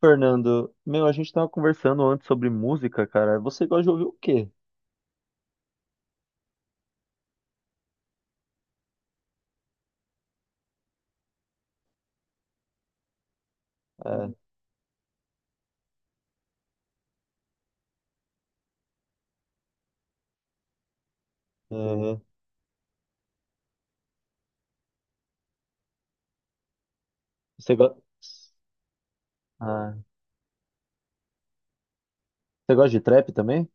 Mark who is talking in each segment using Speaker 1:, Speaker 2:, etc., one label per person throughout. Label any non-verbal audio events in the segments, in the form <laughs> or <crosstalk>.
Speaker 1: Fernando, meu, a gente tava conversando antes sobre música, cara. Você gosta de ouvir o quê? É, é, você gosta, ah, você gosta de trap também?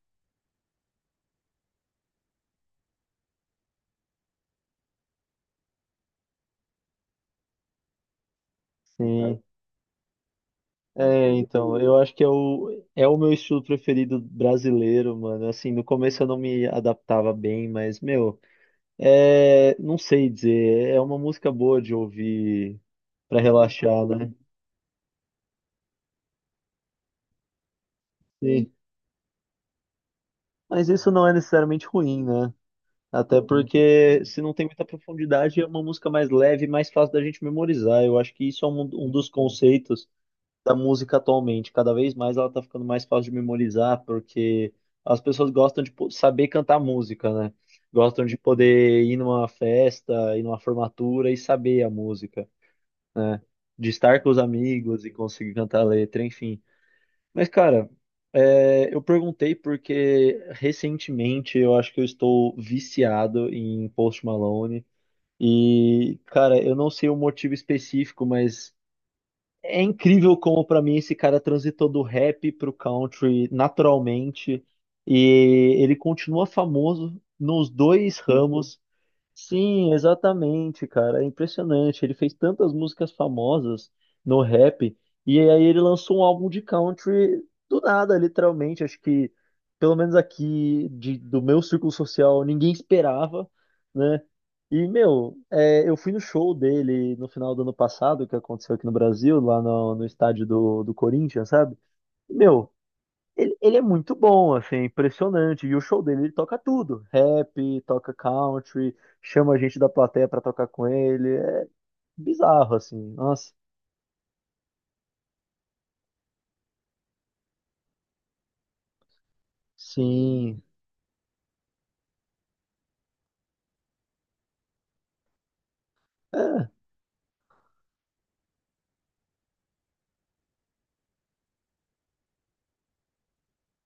Speaker 1: Sim. Então, eu acho que é o meu estilo preferido brasileiro, mano. Assim, no começo eu não me adaptava bem, mas, meu, não sei dizer. É uma música boa de ouvir pra relaxar, né? Sim. Mas isso não é necessariamente ruim, né? Até porque se não tem muita profundidade, é uma música mais leve, mais fácil da gente memorizar. Eu acho que isso é um dos conceitos da música atualmente. Cada vez mais ela tá ficando mais fácil de memorizar, porque as pessoas gostam de saber cantar música, né? Gostam de poder ir numa festa, ir numa formatura e saber a música, né? De estar com os amigos e conseguir cantar a letra, enfim. Mas, cara, eu perguntei porque recentemente eu acho que eu estou viciado em Post Malone. E, cara, eu não sei o motivo específico, mas é incrível como pra mim esse cara transitou do rap pro country naturalmente. E ele continua famoso nos dois, uhum, ramos. Sim, exatamente, cara. É impressionante. Ele fez tantas músicas famosas no rap, e aí ele lançou um álbum de country do nada, literalmente. Acho que, pelo menos aqui do meu círculo social, ninguém esperava, né? E, meu, eu fui no show dele no final do ano passado, que aconteceu aqui no Brasil, lá no estádio do Corinthians, sabe? Meu, ele é muito bom, assim, é impressionante. E o show dele, ele toca tudo. Rap, toca country, chama a gente da plateia pra tocar com ele. É bizarro, assim. Nossa, sim.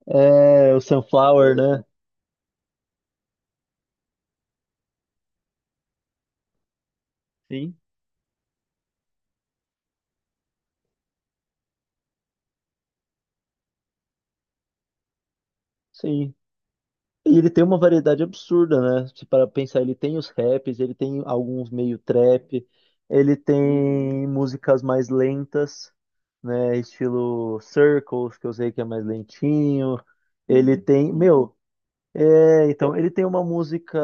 Speaker 1: É, é o Sunflower, né? Sim, sim. E ele tem uma variedade absurda, né? Se para pensar, ele tem os raps, ele tem alguns meio trap, ele tem músicas mais lentas, né? Estilo Circles, que eu sei que é mais lentinho. Ele tem, meu, Então, ele tem uma música.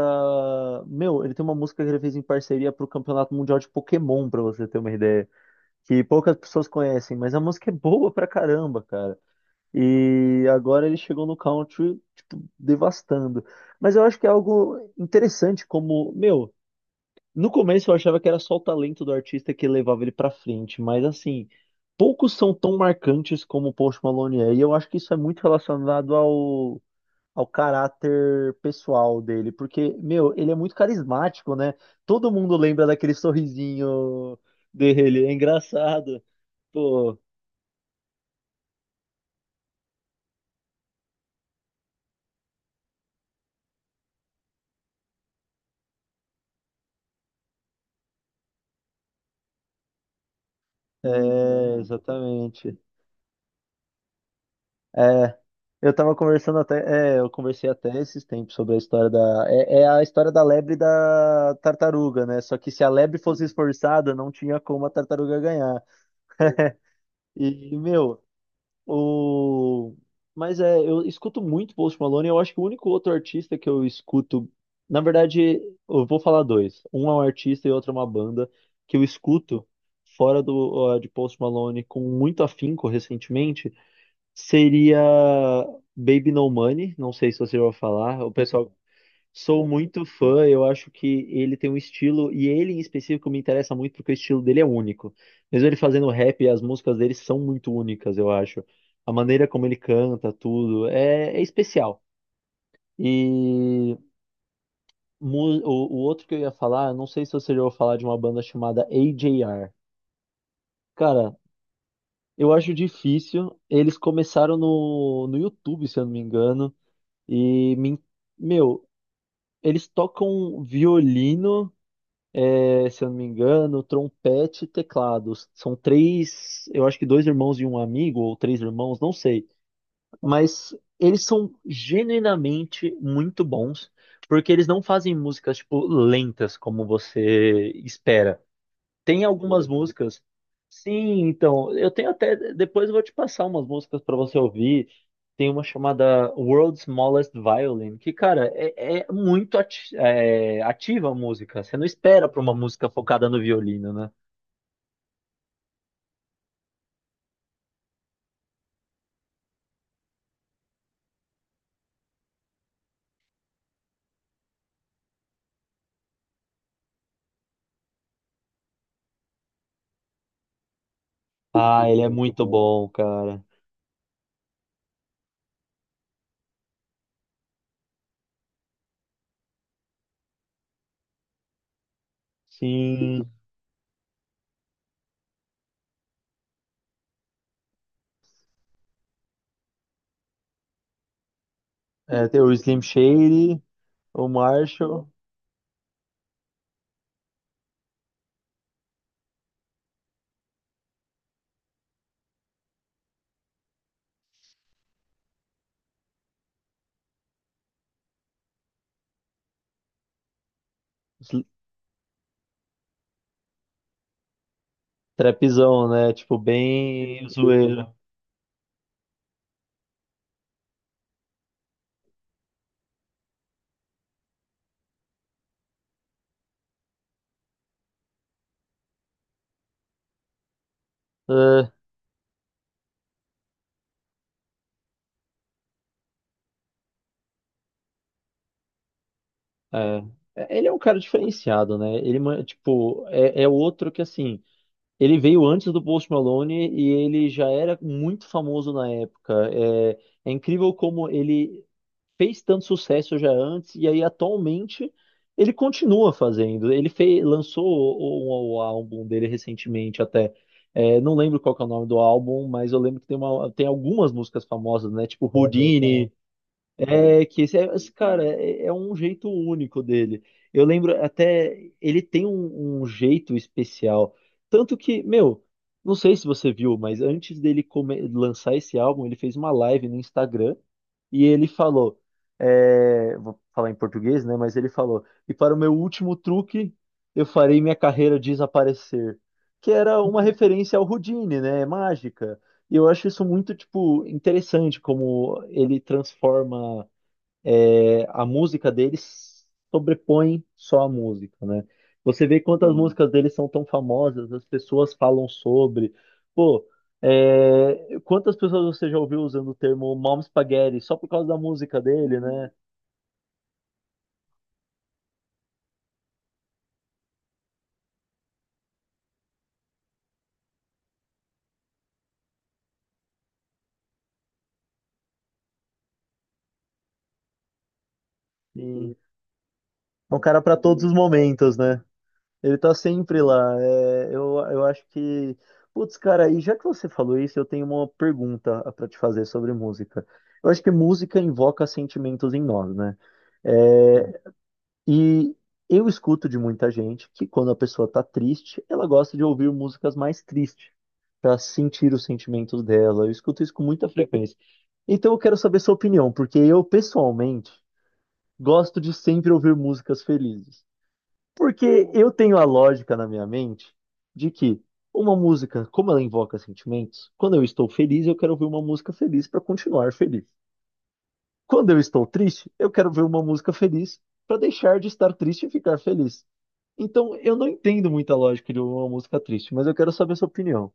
Speaker 1: Meu, ele tem uma música que ele fez em parceria pro Campeonato Mundial de Pokémon, pra você ter uma ideia. Que poucas pessoas conhecem, mas a música é boa pra caramba, cara. E agora ele chegou no country, tipo, devastando. Mas eu acho que é algo interessante, como. Meu, no começo eu achava que era só o talento do artista que levava ele pra frente, mas assim. Poucos são tão marcantes como o Post Malone é, e eu acho que isso é muito relacionado ao caráter pessoal dele, porque, meu, ele é muito carismático, né? Todo mundo lembra daquele sorrisinho dele, é engraçado. Pô, é, exatamente. É, eu tava conversando até, eu conversei até esses tempos sobre a história da, é a história da lebre e da tartaruga, né? Só que se a lebre fosse esforçada, não tinha como a tartaruga ganhar. <laughs> E, meu, O... Mas é, eu escuto muito Post Malone. Eu acho que o único outro artista que eu escuto. Na verdade, eu vou falar dois. Um é um artista e outro é uma banda que eu escuto fora do, ó, de Post Malone com muito afinco recentemente. Seria Baby No Money. Não sei se você vai falar. O pessoal. Sou muito fã, eu acho que ele tem um estilo, e ele em específico me interessa muito porque o estilo dele é único. Mesmo ele fazendo rap, as músicas dele são muito únicas, eu acho. A maneira como ele canta, tudo, é especial. E o outro que eu ia falar, eu não sei se você já ouviu falar de uma banda chamada AJR. Cara, eu acho difícil. Eles começaram no YouTube, se eu não me engano, e me, meu, eles tocam violino. É, se eu não me engano, trompete e teclados. São três, eu acho que dois irmãos e um amigo, ou três irmãos, não sei. Mas eles são genuinamente muito bons, porque eles não fazem músicas, tipo, lentas, como você espera. Tem algumas músicas. Sim, então, eu tenho até. Depois eu vou te passar umas músicas pra você ouvir. Tem uma chamada World's Smallest Violin, que, cara, é, é muito ativa a música. Você não espera pra uma música focada no violino, né? Ah, ele é muito bom, cara. Sim. É, tem o Slim Shady, o Marshall, Sl- trapzão, né? Tipo, bem zoeiro. É. É, ele é um cara diferenciado, né? Ele, tipo, é outro que, assim, ele veio antes do Post Malone e ele já era muito famoso na época. É, é incrível como ele fez tanto sucesso já antes e aí atualmente ele continua fazendo. Ele fez, lançou o álbum dele recentemente até. É, não lembro qual que é o nome do álbum, mas eu lembro que tem, tem algumas músicas famosas, né? Tipo Olha só. Houdini, é que esse cara é, é um jeito único dele. Eu lembro até ele tem um jeito especial, tanto que, meu, não sei se você viu, mas antes dele lançar esse álbum, ele fez uma live no Instagram e ele falou, é, vou falar em português, né? Mas ele falou: e para o meu último truque, eu farei minha carreira desaparecer, que era uma referência ao Houdini, né? É Mágica. E eu acho isso muito, tipo, interessante, como ele transforma a música deles sobrepõe só a música, né? Você vê quantas, sim, músicas dele são tão famosas, as pessoas falam sobre. Pô, quantas pessoas você já ouviu usando o termo mom spaghetti só por causa da música dele, né? E é um cara para todos os momentos, né? Ele tá sempre lá. É, eu acho que. Putz, cara, e já que você falou isso, eu tenho uma pergunta, pra te fazer sobre música. Eu acho que música invoca sentimentos em nós, né? É, e eu escuto de muita gente que quando a pessoa tá triste, ela gosta de ouvir músicas mais tristes, pra sentir os sentimentos dela. Eu escuto isso com muita frequência. Então eu quero saber sua opinião, porque eu, pessoalmente, gosto de sempre ouvir músicas felizes. Porque eu tenho a lógica na minha mente de que uma música, como ela invoca sentimentos, quando eu estou feliz, eu quero ouvir uma música feliz para continuar feliz. Quando eu estou triste, eu quero ver uma música feliz para deixar de estar triste e ficar feliz. Então, eu não entendo muita lógica de uma música triste, mas eu quero saber a sua opinião.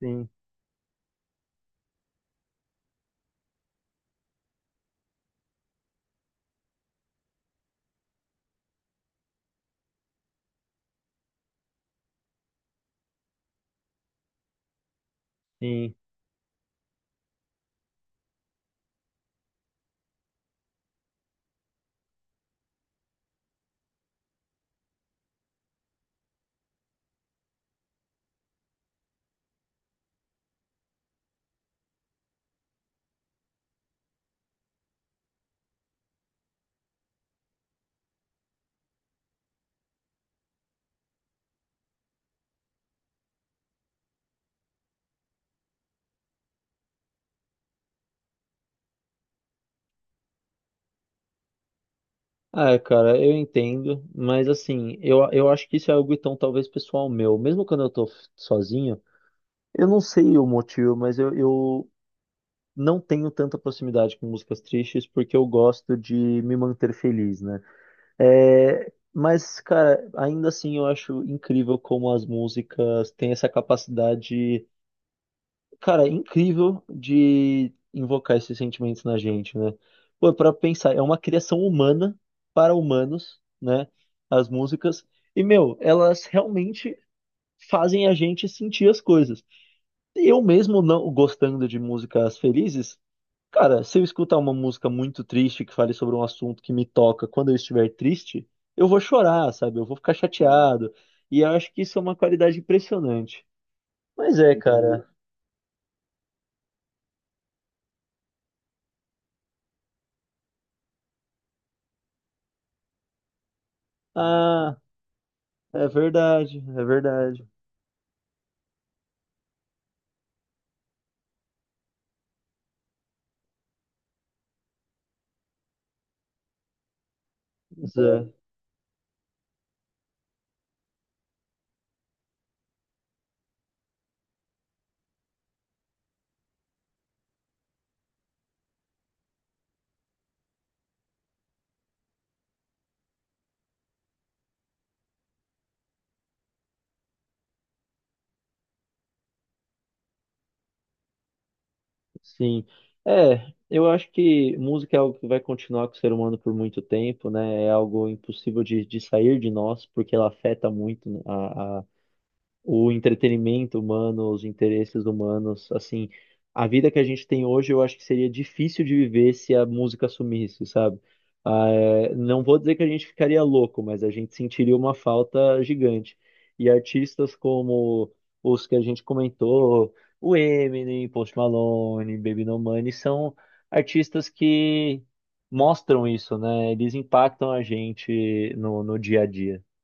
Speaker 1: Sim, sim. Ah, cara, eu entendo, mas assim, eu acho que isso é algo então talvez pessoal meu. Mesmo quando eu tô sozinho, eu não sei o motivo, mas eu não tenho tanta proximidade com músicas tristes porque eu gosto de me manter feliz, né? É, mas, cara, ainda assim eu acho incrível como as músicas têm essa capacidade, cara, incrível de invocar esses sentimentos na gente, né? Pô, pra pensar, é uma criação humana para humanos, né? As músicas. E, meu, elas realmente fazem a gente sentir as coisas. Eu mesmo não gostando de músicas felizes, cara, se eu escutar uma música muito triste que fale sobre um assunto que me toca quando eu estiver triste, eu vou chorar, sabe? Eu vou ficar chateado. E eu acho que isso é uma qualidade impressionante. Mas é, cara. Ah, é verdade, é verdade. Mas é, sim. É, eu acho que música é algo que vai continuar com o ser humano por muito tempo, né? É algo impossível de sair de nós, porque ela afeta muito, né, a o entretenimento humano, os interesses humanos, assim, a vida que a gente tem hoje, eu acho que seria difícil de viver se a música sumisse, sabe? Ah, é, não vou dizer que a gente ficaria louco, mas a gente sentiria uma falta gigante. E artistas como os que a gente comentou, o Eminem, Post Malone, Baby No Money, são artistas que mostram isso, né? Eles impactam a gente no dia a dia.